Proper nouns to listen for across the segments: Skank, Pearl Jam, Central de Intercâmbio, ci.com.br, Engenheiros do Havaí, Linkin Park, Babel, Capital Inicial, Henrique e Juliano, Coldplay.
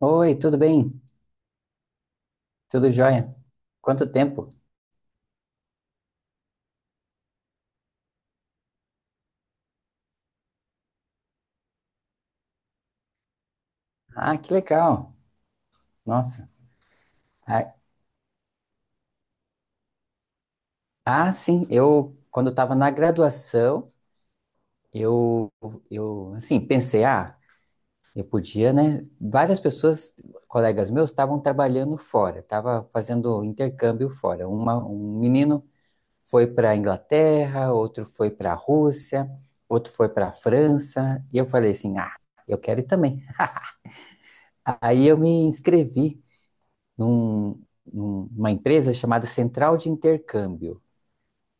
Oi, tudo bem? Tudo jóia? Quanto tempo? Ah, que legal. Nossa. Ah, ah, sim, eu quando eu estava na graduação, eu eu assim, pensei, ah, eu podia, né? Várias pessoas, colegas meus, estavam trabalhando fora, estavam fazendo intercâmbio fora. Um menino foi para a Inglaterra, outro foi para a Rússia, outro foi para a França, e eu falei assim, ah, eu quero ir também. Aí eu me inscrevi num- numa empresa chamada Central de Intercâmbio,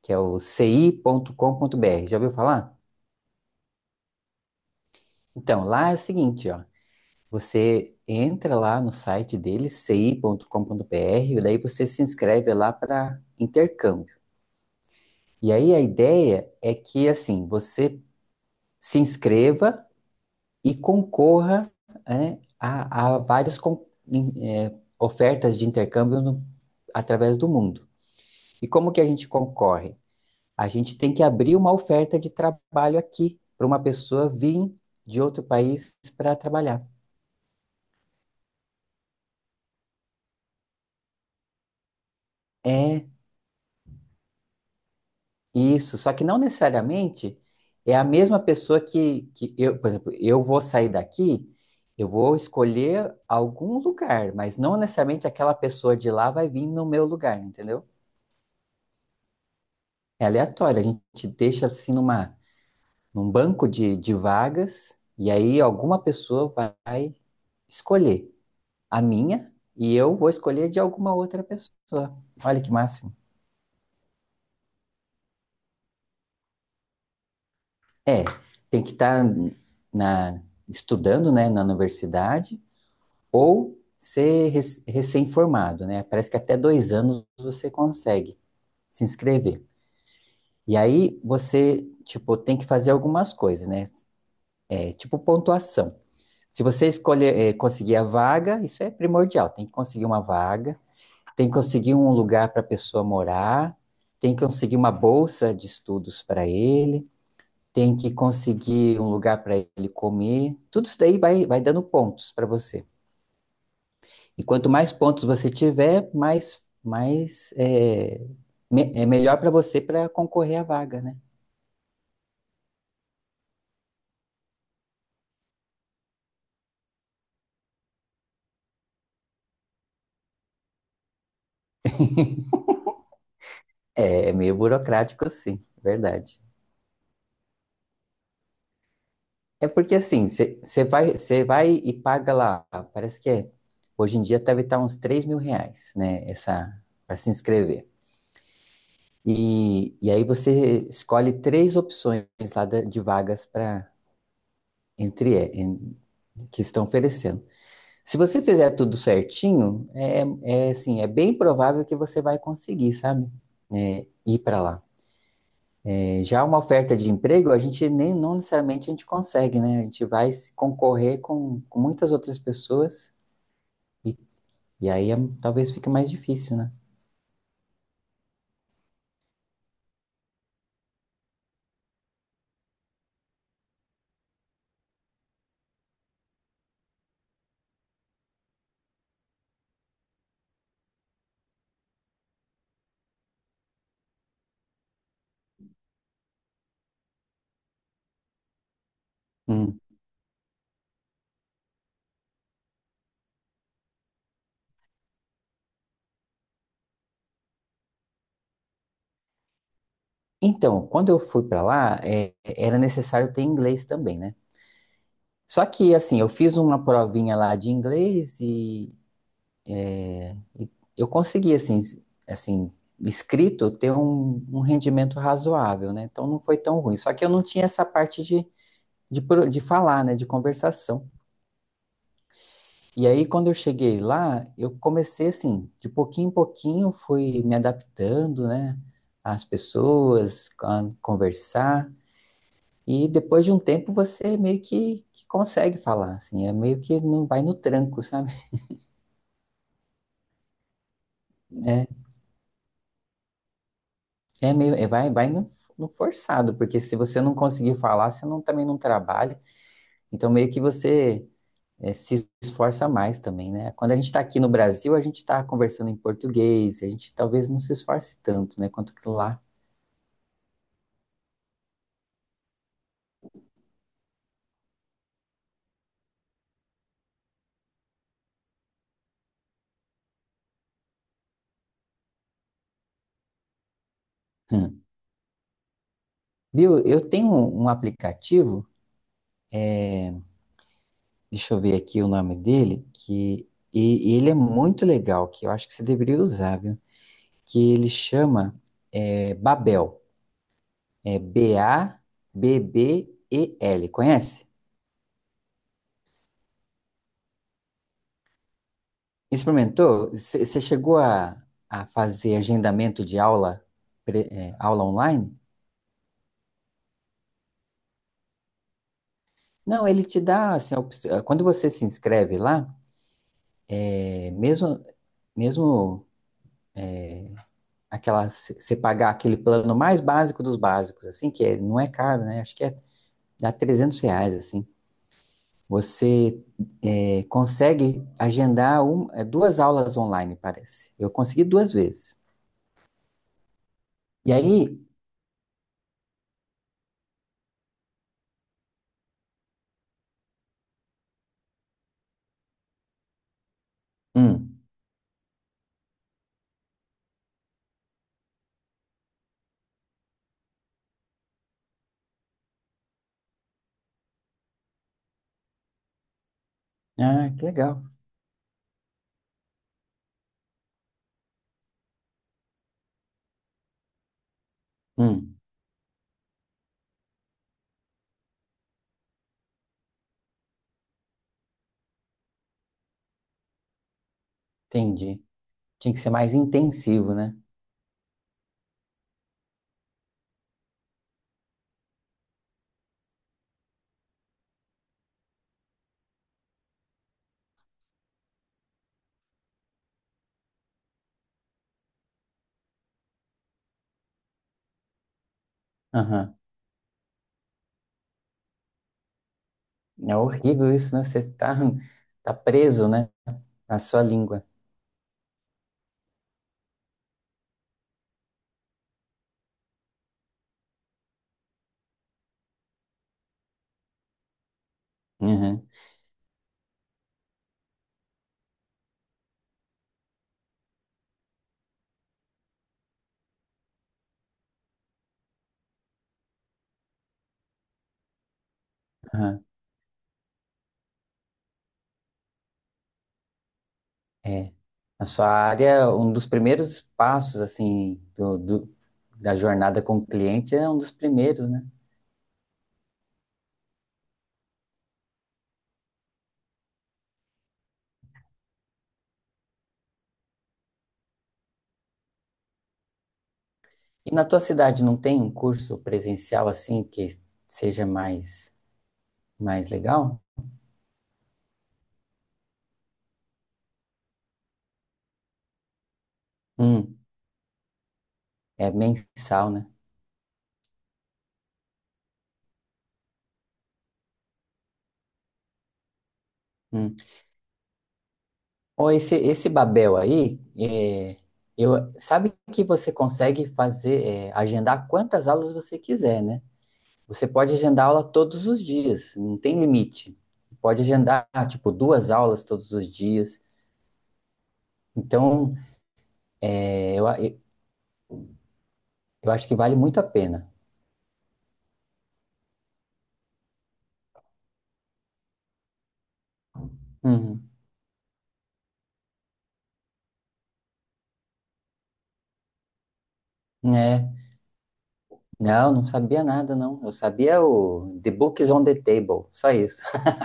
que é o ci.com.br. Já ouviu falar? Então, lá é o seguinte, ó, você entra lá no site deles, ci.com.br, e daí você se inscreve lá para intercâmbio. E aí a ideia é que, assim, você se inscreva e concorra, né, a várias eh, ofertas de intercâmbio através do mundo. E como que a gente concorre? A gente tem que abrir uma oferta de trabalho aqui para uma pessoa vir de outro país para trabalhar. É isso, só que não necessariamente é a mesma pessoa que eu, por exemplo, eu vou sair daqui, eu vou escolher algum lugar, mas não necessariamente aquela pessoa de lá vai vir no meu lugar, entendeu? É aleatório, a gente deixa assim num banco de vagas e aí alguma pessoa vai escolher a minha e eu vou escolher de alguma outra pessoa. Olha que máximo. É, tem que estar na estudando, né, na universidade ou ser recém-formado, né? Parece que até 2 anos você consegue se inscrever. E aí você, tipo, tem que fazer algumas coisas, né? É, tipo pontuação. Se você escolher, conseguir a vaga, isso é primordial, tem que conseguir uma vaga. Tem que conseguir um lugar para a pessoa morar, tem que conseguir uma bolsa de estudos para ele, tem que conseguir um lugar para ele comer. Tudo isso daí vai dando pontos para você. E quanto mais pontos você tiver, mais é melhor para você para concorrer à vaga, né? É, meio burocrático, sim, verdade. É porque assim, você vai e paga lá, parece que hoje em dia deve estar uns R$ 3.000, né? Essa, para se inscrever. E aí você escolhe três opções lá de vagas para entre em- que estão oferecendo. Se você fizer tudo certinho, é assim, é bem provável que você vai conseguir, sabe? É, ir para lá. É, já uma oferta de emprego, a gente nem não necessariamente a gente consegue, né? A gente vai se concorrer com muitas outras pessoas e, e aí talvez fique mais difícil, né? Hum. Então, quando eu fui para lá, era necessário ter inglês também, né? Só que, assim, eu fiz uma provinha lá de inglês e eu consegui, assim, escrito ter um rendimento razoável, né? Então não foi tão ruim. Só que eu não tinha essa parte de falar, né? De conversação. E aí, quando eu cheguei lá, eu comecei, assim, de pouquinho em pouquinho, fui me adaptando, né? Às pessoas, a conversar. E depois de um tempo, você meio que consegue falar, assim. É meio que não vai no tranco, sabe? É, É, meio, vai no forçado, porque se você não conseguir falar, você não, também não trabalha. Então, meio que você se esforça mais também, né? Quando a gente está aqui no Brasil, a gente está conversando em português, a gente talvez não se esforce tanto, né? Quanto que lá. Hum. Viu? Eu tenho um aplicativo, deixa eu ver aqui o nome dele, e ele é muito legal, que eu acho que você deveria usar, viu? Que ele chama Babel, é Babbel, conhece? Experimentou? Você chegou a fazer agendamento de aula, aula online? Não, ele te dá assim, quando você se inscreve lá, é, mesmo mesmo aquela você pagar aquele plano mais básico dos básicos, assim que não é caro, né? Acho que dá R$ 300 assim. Você consegue agendar duas aulas online, parece. Eu consegui duas vezes. E aí, hum, ah, que legal. Hum, entendi. Tinha que ser mais intensivo, né? Aham. É horrível isso, né? Você tá preso, né? Na sua língua. Uhum. Aham. É. Na sua área, um dos primeiros passos, assim, da jornada com o cliente é um dos primeiros, né? E na tua cidade não tem um curso presencial, assim, que seja mais legal? Hum. É mensal, né? Hum. Ó, esse Babel aí, eu, sabe que você consegue fazer, agendar quantas aulas você quiser, né? Você pode agendar aula todos os dias, não tem limite. Pode agendar, tipo, duas aulas todos os dias. Então, é, eu, a- eu acho que vale muito a pena. Uhum. É, não, não sabia nada, não. Eu sabia o The Books on the Table, só isso.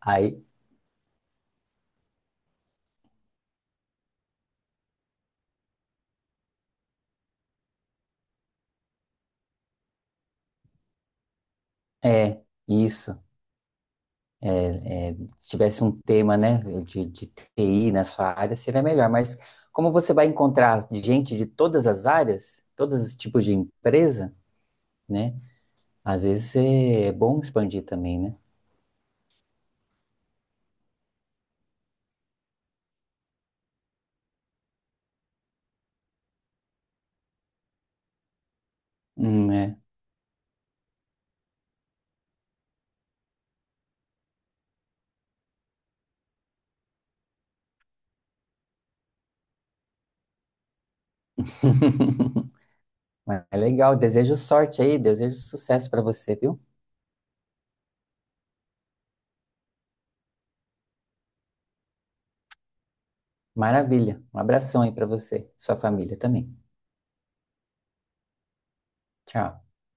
Aí, é, isso. Se tivesse um tema, né, de TI na sua área, seria melhor. Mas como você vai encontrar gente de todas as áreas, todos os tipos de empresa, né? Às vezes é bom expandir também, né? É. Mas é legal. Desejo sorte aí, desejo sucesso para você, viu? Maravilha. Um abração aí para você, sua família também. Tchau.